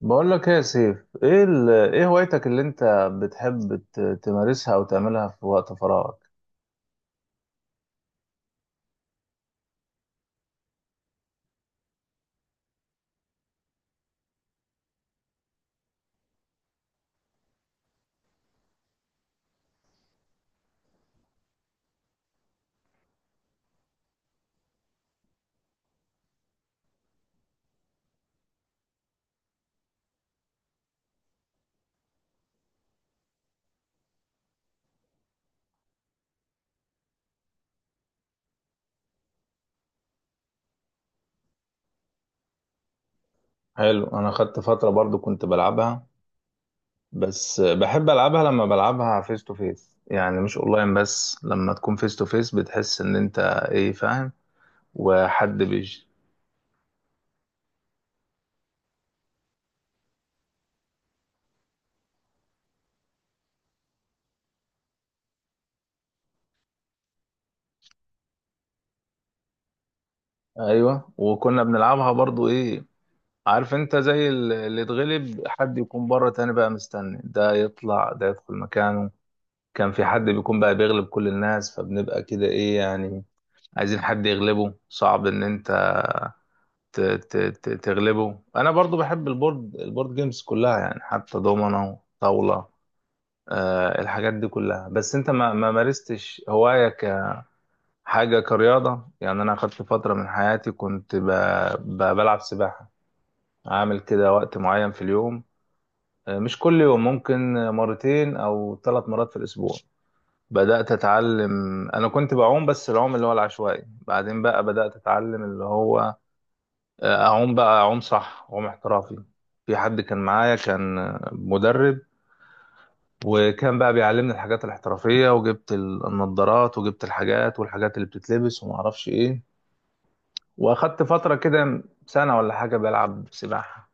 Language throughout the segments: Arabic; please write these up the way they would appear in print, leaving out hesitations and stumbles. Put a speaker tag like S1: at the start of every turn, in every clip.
S1: بقول لك ايه يا سيف، ايه هوايتك اللي انت بتحب تمارسها او تعملها في وقت فراغك؟ حلو. انا خدت فترة برضو كنت بلعبها، بس بحب العبها لما بلعبها فيس تو فيس، يعني مش اونلاين. بس لما تكون فيس تو فيس بتحس ان انت ايه، فاهم، وحد بيجي. ايوه، وكنا بنلعبها برضو، ايه، عارف انت، زي اللي اتغلب حد يكون بره تاني بقى مستني، ده يطلع ده يدخل مكانه. كان في حد بيكون بقى بيغلب كل الناس، فبنبقى كده ايه يعني، عايزين حد يغلبه، صعب ان انت تغلبه. انا برضو بحب البورد، البورد جيمز كلها يعني، حتى دومنة، طاولة، آه، الحاجات دي كلها. بس انت ما مارستش هواية كحاجة، كرياضة؟ يعني انا اخدت فترة من حياتي كنت بلعب سباحة، عامل كده وقت معين في اليوم، آه مش كل يوم، ممكن مرتين او ثلاث مرات في الاسبوع. بدأت أتعلم. أنا كنت بعوم، بس العوم اللي هو العشوائي، بعدين بقى بدأت أتعلم اللي هو، اعوم بقى اعوم صح، اعوم احترافي. في حد كان معايا كان مدرب، وكان بقى بيعلمني الحاجات الاحترافية، وجبت النضارات وجبت الحاجات والحاجات اللي بتتلبس وما اعرفش ايه، واخدت فترة كده سنة ولا حاجة بلعب سباحة.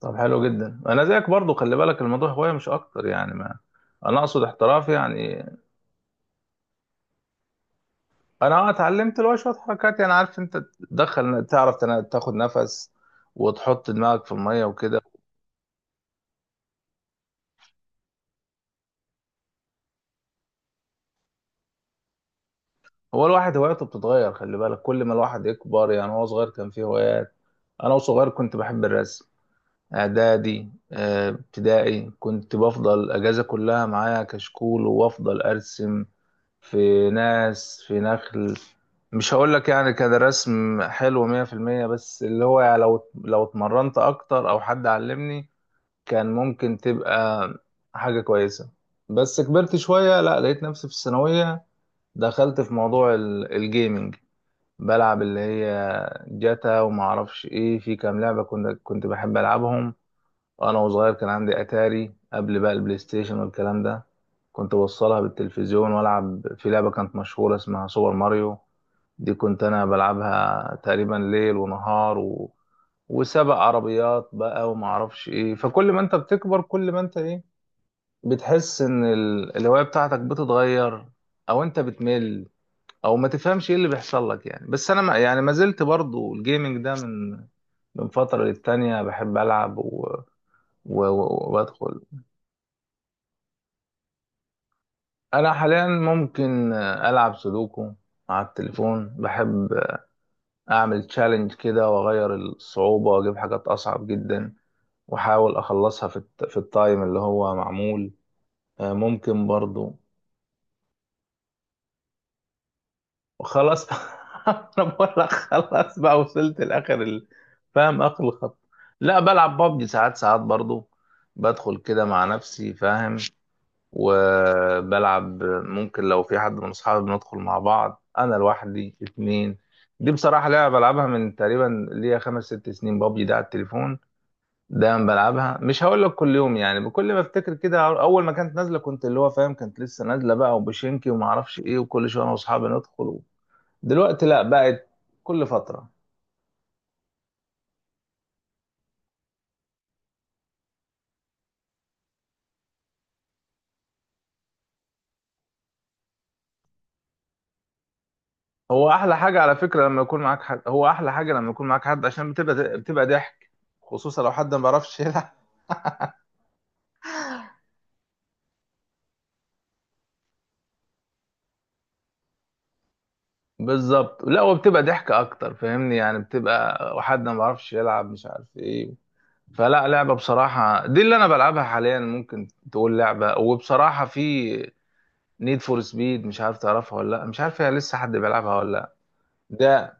S1: طب حلو جدا. انا زيك برضو، خلي بالك الموضوع هواية مش اكتر يعني، ما انا اقصد احتراف يعني. انا اتعلمت اللي هو شوية حركات يعني، عارف انت، تدخل، تعرف تاخد نفس، وتحط دماغك في المية وكده. هو الواحد هواياته بتتغير، خلي بالك، كل ما الواحد يكبر. يعني هو صغير كان فيه هوايات، انا وصغير كنت بحب الرسم. اعدادي، ابتدائي، كنت بفضل اجازة كلها معايا كشكول وافضل ارسم، في ناس، في نخل. مش هقول لك يعني كان الرسم حلو 100%، بس اللي هو يعني، لو اتمرنت اكتر او حد علمني كان ممكن تبقى حاجة كويسة. بس كبرت شوية، لا لقيت نفسي في الثانوية، دخلت في موضوع الجيمنج. بلعب اللي هي جاتا وما اعرفش ايه، في كام لعبه كنت بحب العبهم. وانا وصغير كان عندي اتاري، قبل بقى البلاي ستيشن والكلام ده، كنت بوصلها بالتلفزيون والعب في لعبه كانت مشهوره اسمها سوبر ماريو، دي كنت انا بلعبها تقريبا ليل ونهار، و... وسبق عربيات بقى وما اعرفش ايه. فكل ما انت بتكبر كل ما انت ايه، بتحس ان الهوايه بتاعتك بتتغير، او انت بتمل، او ما تفهمش ايه اللي بيحصل لك يعني. بس انا ما يعني ما زلت برضو الجيمنج ده من من فترة للتانية بحب العب، وبدخل. انا حاليا ممكن العب سودوكو على التليفون، بحب اعمل تشالنج كده واغير الصعوبة واجيب حاجات اصعب جدا، واحاول اخلصها في التايم اللي هو معمول، آه، ممكن برضو. وخلاص انا بقول لك خلاص بقى، وصلت لاخر ال-، فاهم، اخر الخط. لا، بلعب بابجي ساعات، ساعات برضو بدخل كده مع نفسي، فاهم، وبلعب، ممكن لو في حد من اصحابي بندخل مع بعض، انا لوحدي، اتنين. دي بصراحة لعبة بلعبها من تقريبا ليا خمس ست سنين، بابجي ده على التليفون. دايما بلعبها، مش هقول لك كل يوم يعني، بكل ما افتكر كده. اول ما كانت نازله كنت اللي هو فاهم، كانت لسه نازله بقى، وبشينكي وما اعرفش ايه، وكل شويه انا واصحابي ندخل. دلوقتي لا بقت كل فترة. هو احلى حاجة على فكرة لما يكون معاك حد، هو احلى حاجة لما يكون معاك حد، عشان بتبقى، ضحك، خصوصا لو حد ما بيعرفش يلعب. بالظبط. لا، وبتبقى ضحك اكتر، فاهمني يعني، بتبقى وحد ما بيعرفش يلعب مش عارف ايه. فلا، لعبة بصراحة دي اللي انا بلعبها حاليا، ممكن تقول لعبة، وبصراحة في نيد فور سبيد، مش عارف تعرفها ولا لا، مش عارف هي لسه حد بيلعبها ولا لا، ده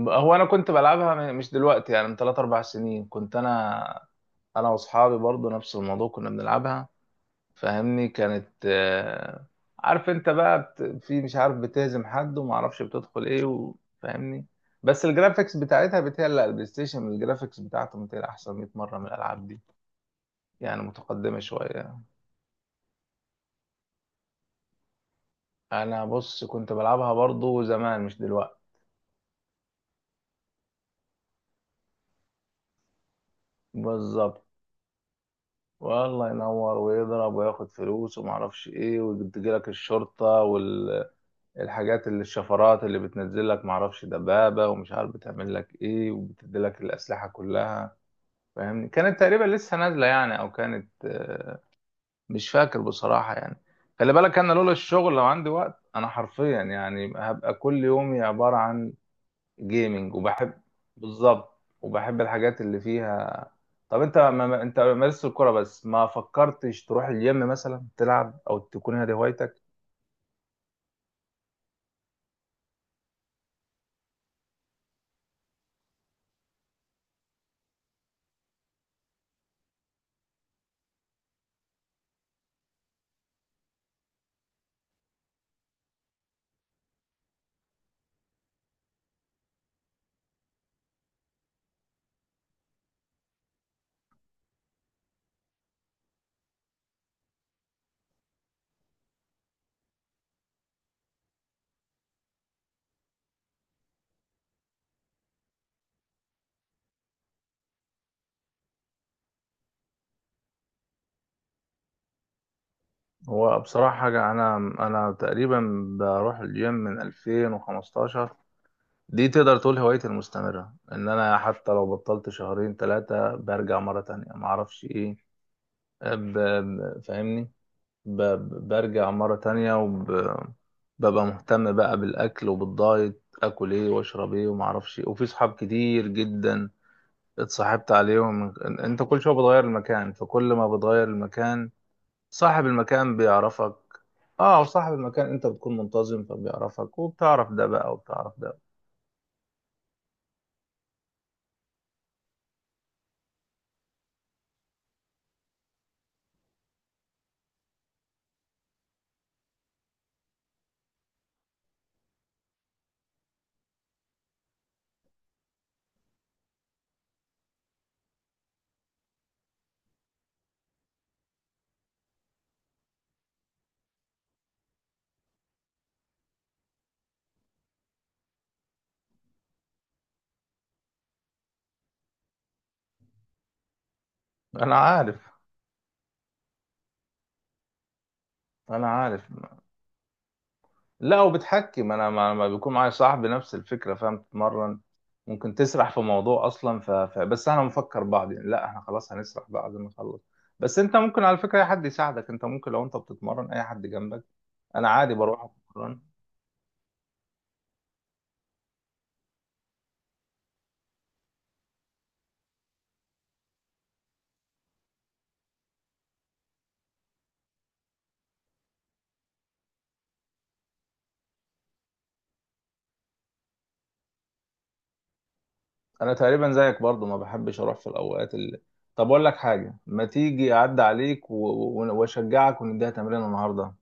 S1: هو انا كنت بلعبها مش دلوقتي يعني، من 3 4 سنين كنت انا، انا واصحابي برضو نفس الموضوع كنا بنلعبها، فاهمني، كانت آه، عارف انت بقى في مش عارف بتهزم حد وما اعرفش بتدخل ايه، و... فاهمني. بس الجرافيكس بتاعتها بتهيألي، لا، البلاي ستيشن الجرافيكس بتاعته بتهيألي احسن 100 مرة من الالعاب دي، يعني متقدمة شوية. انا بص كنت بلعبها برضو زمان مش دلوقتي. بالظبط. والله ينور ويضرب وياخد فلوس وما اعرفش ايه وتجيلك الشرطه والحاجات، اللي الشفرات اللي بتنزل لك، ما اعرفش دبابه ومش عارف بتعمل لك ايه، وبتدي لك الاسلحه كلها، فاهمني، كانت تقريبا لسه نازله يعني، او كانت آه، مش فاكر بصراحه يعني. خلي بالك انا لولا الشغل، لو عندي وقت انا حرفيا يعني هبقى كل يومي عباره عن جيمنج، وبحب، بالظبط، وبحب الحاجات اللي فيها. طب انت انت مارست الكرة، بس ما فكرتش تروح الجيم مثلا تلعب، او تكون هذه هوايتك؟ هو بصراحة حاجة، انا تقريبا بروح الجيم من 2015، دي تقدر تقول هوايتي المستمرة. ان انا حتى لو بطلت شهرين ثلاثة برجع مرة تانية، ما اعرفش ايه، فاهمني، برجع مرة تانية، وببقى مهتم بقى بالأكل وبالدايت، أكل إيه وأشرب إيه ومعرفش إيه. وفي صحاب كتير جدا اتصاحبت عليهم، إن- أنت كل شوية بتغير المكان، فكل ما بتغير المكان صاحب المكان بيعرفك. اه، وصاحب المكان انت بتكون منتظم فبيعرفك، وبتعرف ده بقى وبتعرف ده. انا عارف. انا عارف. لا وبتحكم، انا ما بيكون معايا صاحبي نفس الفكره، فاهم، تتمرن ممكن تسرح في موضوع اصلا، بس انا مفكر بعض يعني، لا احنا خلاص هنسرح بعد ما نخلص. بس انت ممكن على فكره اي حد يساعدك، انت ممكن لو انت بتتمرن اي حد جنبك، انا عادي بروح اتمرن. انا تقريبا زيك برضو، ما بحبش اروح في الاوقات اللي. طب اقول لك حاجه، ما تيجي اعدي عليك واشجعك، ونديها تمرين النهارده؟